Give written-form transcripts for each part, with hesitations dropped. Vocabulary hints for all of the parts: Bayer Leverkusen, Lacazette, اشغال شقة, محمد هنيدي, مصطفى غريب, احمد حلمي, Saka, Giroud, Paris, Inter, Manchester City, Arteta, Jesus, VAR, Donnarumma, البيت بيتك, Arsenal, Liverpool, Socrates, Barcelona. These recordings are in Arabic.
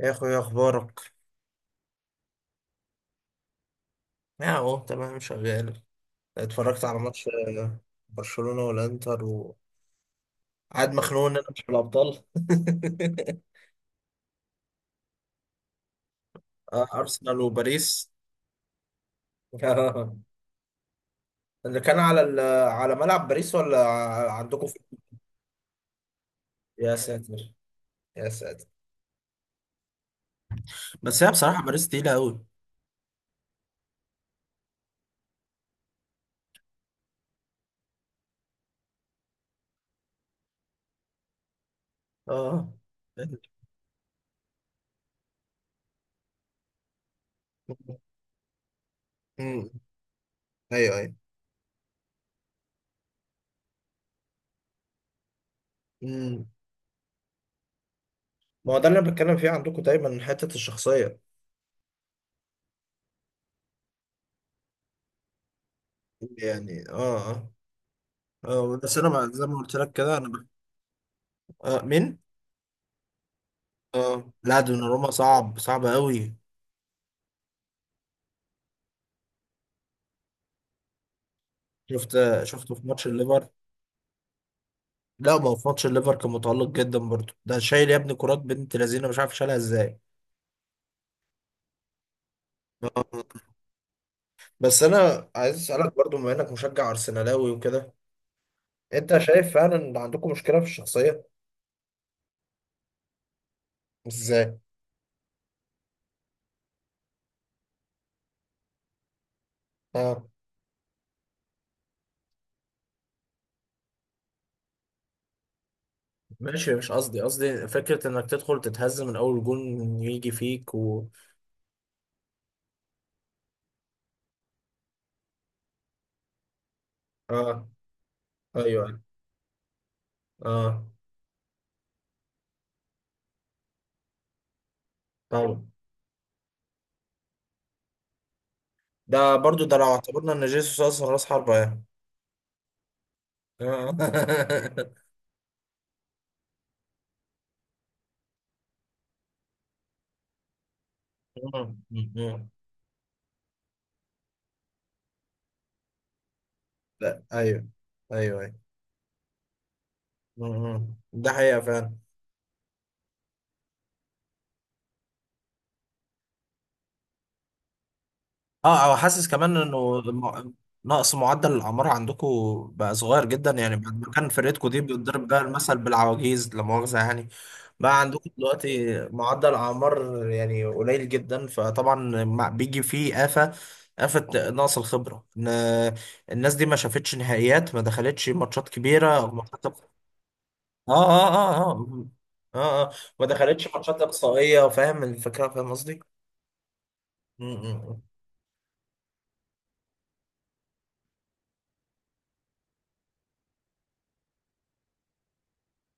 يا اخويا، إيه اخبارك؟ يا اهو تمام شغال. اتفرجت على ماتش. آه، برشلونة والانتر، وقاعد مخنوق ان انا مش في الابطال. ارسنال وباريس. آه، اللي كان على على ملعب باريس ولا عندكم في؟ يا ساتر، يا ساتر. بس هي بصراحة باريس تقيلة قوي. اه. امم ايوه ايوه. امم ما هو ده اللي انا بتكلم فيه، عندكم دايما حتة الشخصية يعني. اه اه. بس انا زي ما قلت لك كده انا آه، مين؟ اه لا، دوناروما صعب صعب قوي. شفت. شفته في ماتش الليفر. لا ما هو في ماتش الليفر كان متألق جدا برضه، ده شايل يا ابني كرات بنت لذينه، مش عارف شالها ازاي. آه. بس انا عايز اسالك برضه، بما انك مشجع ارسنالاوي وكده، انت شايف فعلا ان عندكم مشكله في الشخصيه؟ ازاي؟ اه ماشي. مش قصدي، قصدي فكره انك تدخل تتهز من اول جون، يجي فيك و... اه ايوه اه. طبعا. ده برضه ده لو اعتبرنا ان جيسوس اصلا راس حربه يعني. آه. مم. مم. لا ايوه ايوه ايوه. مم. ده حقيقة فعلا. اه، او حاسس كمان انه نقص معدل الاعمار عندكم بقى صغير جدا. يعني بعد ما كان فرقتكم دي بتضرب بقى المثل بالعواجيز، لا مؤاخذة يعني. بقى عندكم دلوقتي معدل اعمار يعني قليل جدا، فطبعا بيجي فيه آفة، آفة نقص الخبرة، ان الناس دي ما شافتش نهائيات، ما دخلتش ماتشات كبيرة او ماتشات. اه اه اه اه اه. اه اه، اه. ما دخلتش ماتشات اقصائيه. فاهم الفكره؟ فاهم قصدي؟ م- م-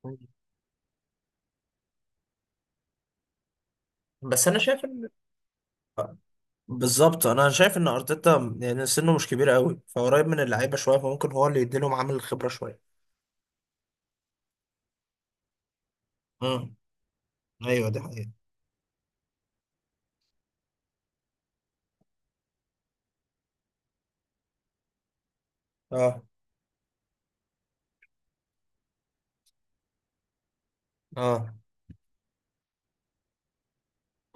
م. بس انا شايف ان... بالظبط. انا شايف ان ارتيتا يعني سنه مش كبير قوي، فقريب من اللعيبه شويه، فممكن هو اللي يديلهم عامل الخبره شويه. امم ايوه، دي حقيقة. اه اه،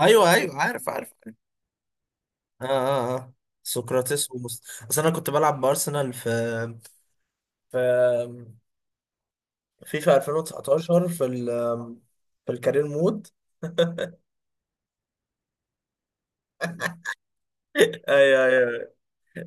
ايوه ايوه، عارف عارف. اه اه اه. سقراطيس ومست... اصل انا كنت بلعب بارسنال في في فيفا 2019 في ال في الكارير مود. ايوه ايوه.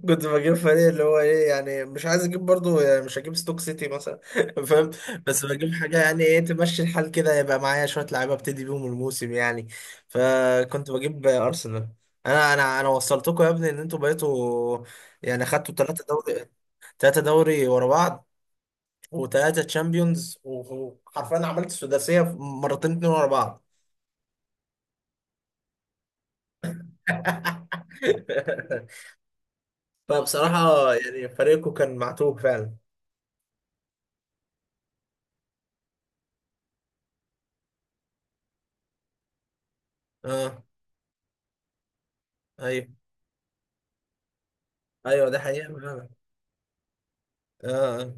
كنت بجيب فريق اللي هو ايه يعني، مش عايز اجيب برضو يعني، مش هجيب ستوك سيتي مثلا فاهم؟ بس بجيب حاجه يعني، ايه، تمشي الحال كده، يبقى معايا شويه لعيبه ابتدي بيهم الموسم يعني. فكنت بجيب ارسنال. انا وصلتكم يا ابني، ان انتوا بقيتوا يعني خدتوا 3 دوري، 3 دوري ورا بعض، وثلاثه تشامبيونز، وحرفيا عملت سداسيه مرتين اتنين ورا بعض. فبصراحه يعني فريقكم كان معتوه فعلا. اه ايوه ايوه، ده حقيقة. آه.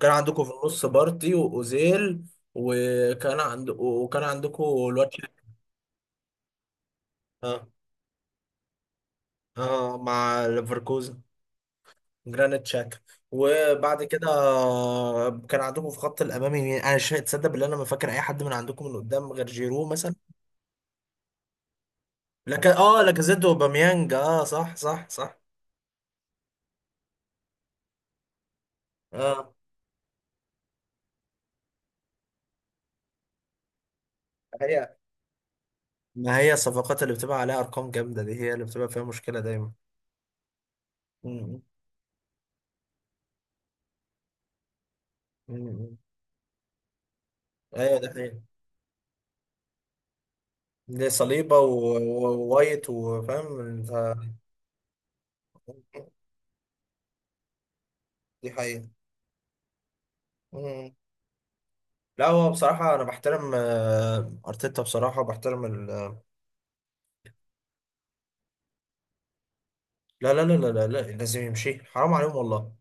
كان عندكم في النص بارتي واوزيل، وكان عندكم الواد شاك. اه اه، مع ليفركوزن، جرانيت شاكا. وبعد كده كان عندكم في خط الامامي يعني، انا مش تصدق بالله، انا ما فاكر اي حد من عندكم من قدام غير جيرو مثلا. لك اه، لاكازيت وباميانج، اه صح صح صح. اه. هي، ما هي الصفقات اللي بتبقى عليها ارقام جامده دي هي اللي بتبقى فيها مشكله دايما. م- م- م- م. ايوه ده حقيقي. دي صليبة ووايت، وفاهم دي حقيقة. مم. لا، هو بصراحة أنا بحترم أرتيتا بصراحة، وبحترم ال... لا لا لا لا لا لا، لازم يمشي، حرام عليهم والله.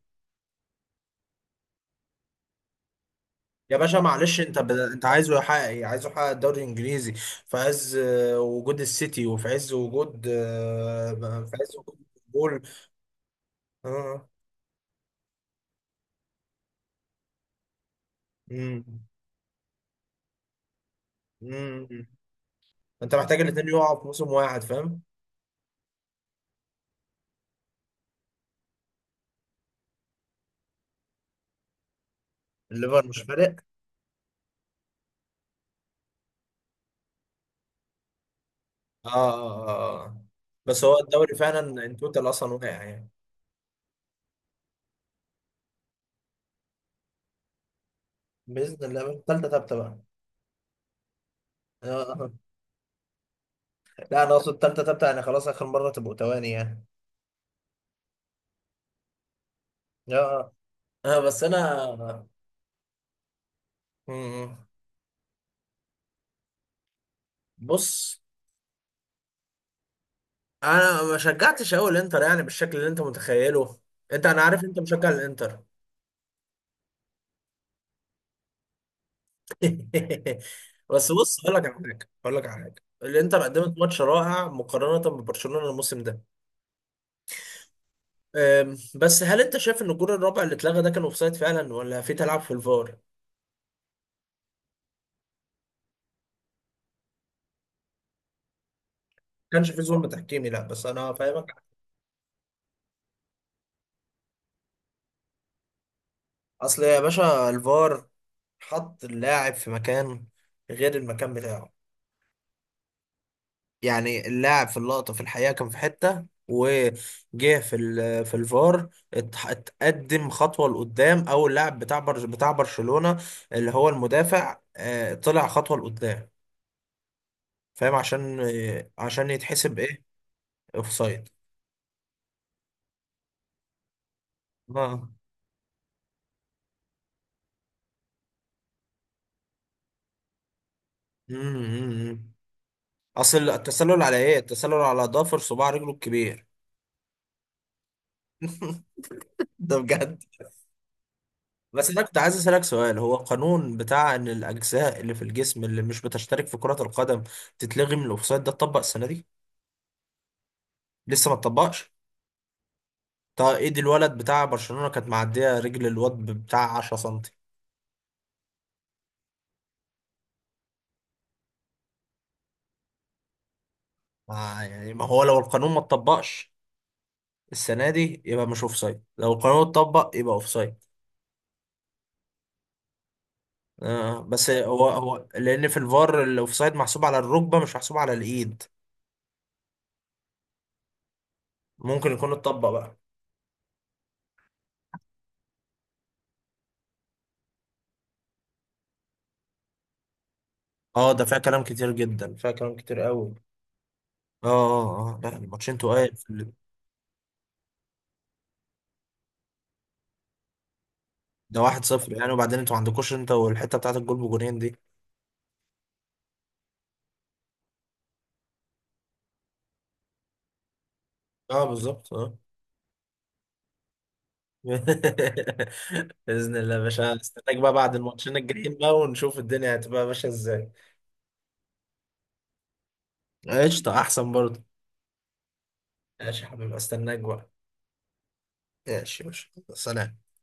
يا باشا، معلش، أنت عايزه يحقق إيه؟ عايزه يحقق الدوري الإنجليزي في عز وجود السيتي، وفي عز وجود في عز وجود ليفربول؟ آه. مم. مم. أنت محتاج الاتنين يقعوا في موسم واحد، فاهم؟ الليفر مش فارق. اه اه اه آه. بس هو الدوري فعلا ان توتال اصلا وقع يعني. باذن الله بقى، تالتة تابتة بقى. آه. لا انا اقصد تالتة تابتة يعني خلاص، اخر مره تبقوا تواني يعني. اه اه، بس انا... مم. بص. انا ما شجعتش قوي الانتر يعني بالشكل اللي انت متخيله. انت، انا عارف انت مشجع الانتر. بس بص، اقول لك على حاجه، اقول لك على حاجه. الانتر قدمت ماتش رائع مقارنه ببرشلونه الموسم ده. بس هل انت شايف ان الجول الرابع اللي اتلغى ده كان اوفسايد فعلا ولا في تلعب في الفار؟ ما كانش في ظلم تحكيمي، لا بس انا فاهمك. اصل يا باشا الفار حط اللاعب في مكان غير المكان بتاعه. يعني اللاعب في اللقطة في الحقيقة كان في حتة، وجه في في الفار اتقدم خطوة لقدام، او اللاعب بتاع برج بتاع برشلونة اللي هو المدافع طلع خطوة لقدام، فاهم؟ عشان عشان يتحسب ايه، اوفسايد. امم اصل التسلل على ايه؟ التسلل على ضفر صباع رجله الكبير. ده بجد. بس انا كنت عايز اسالك سؤال، هو القانون بتاع ان الاجزاء اللي في الجسم اللي مش بتشترك في كرة القدم تتلغي من الاوفسايد ده اتطبق السنه دي لسه ما اتطبقش؟ طب ايد الولد بتاع برشلونة كانت معديه رجل الواد بتاع 10 سنتي. ما يعني، ما هو لو القانون ما اتطبقش السنه دي يبقى مش اوفسايد، لو القانون اتطبق يبقى اوفسايد. آه، بس هو لان في الفار الاوفسايد محسوب على الركبه مش محسوب على الايد. ممكن يكون اتطبق بقى. اه، ده فيها كلام كتير جدا، فيها كلام كتير قوي. اه اه اه، لا الماتشين تقال في ده 1-0 يعني، وبعدين انتوا ما عندكوش انت والحته بتاعت الجول بجونين دي. اه بالظبط اه. باذن الله يا باشا، استناك بقى بعد الماتشين الجايين بقى، ونشوف الدنيا هتبقى ماشيه ازاي. قشطه، احسن برضه. ماشي يا حبيبي، استناك بقى. ماشي ماشي، سلام.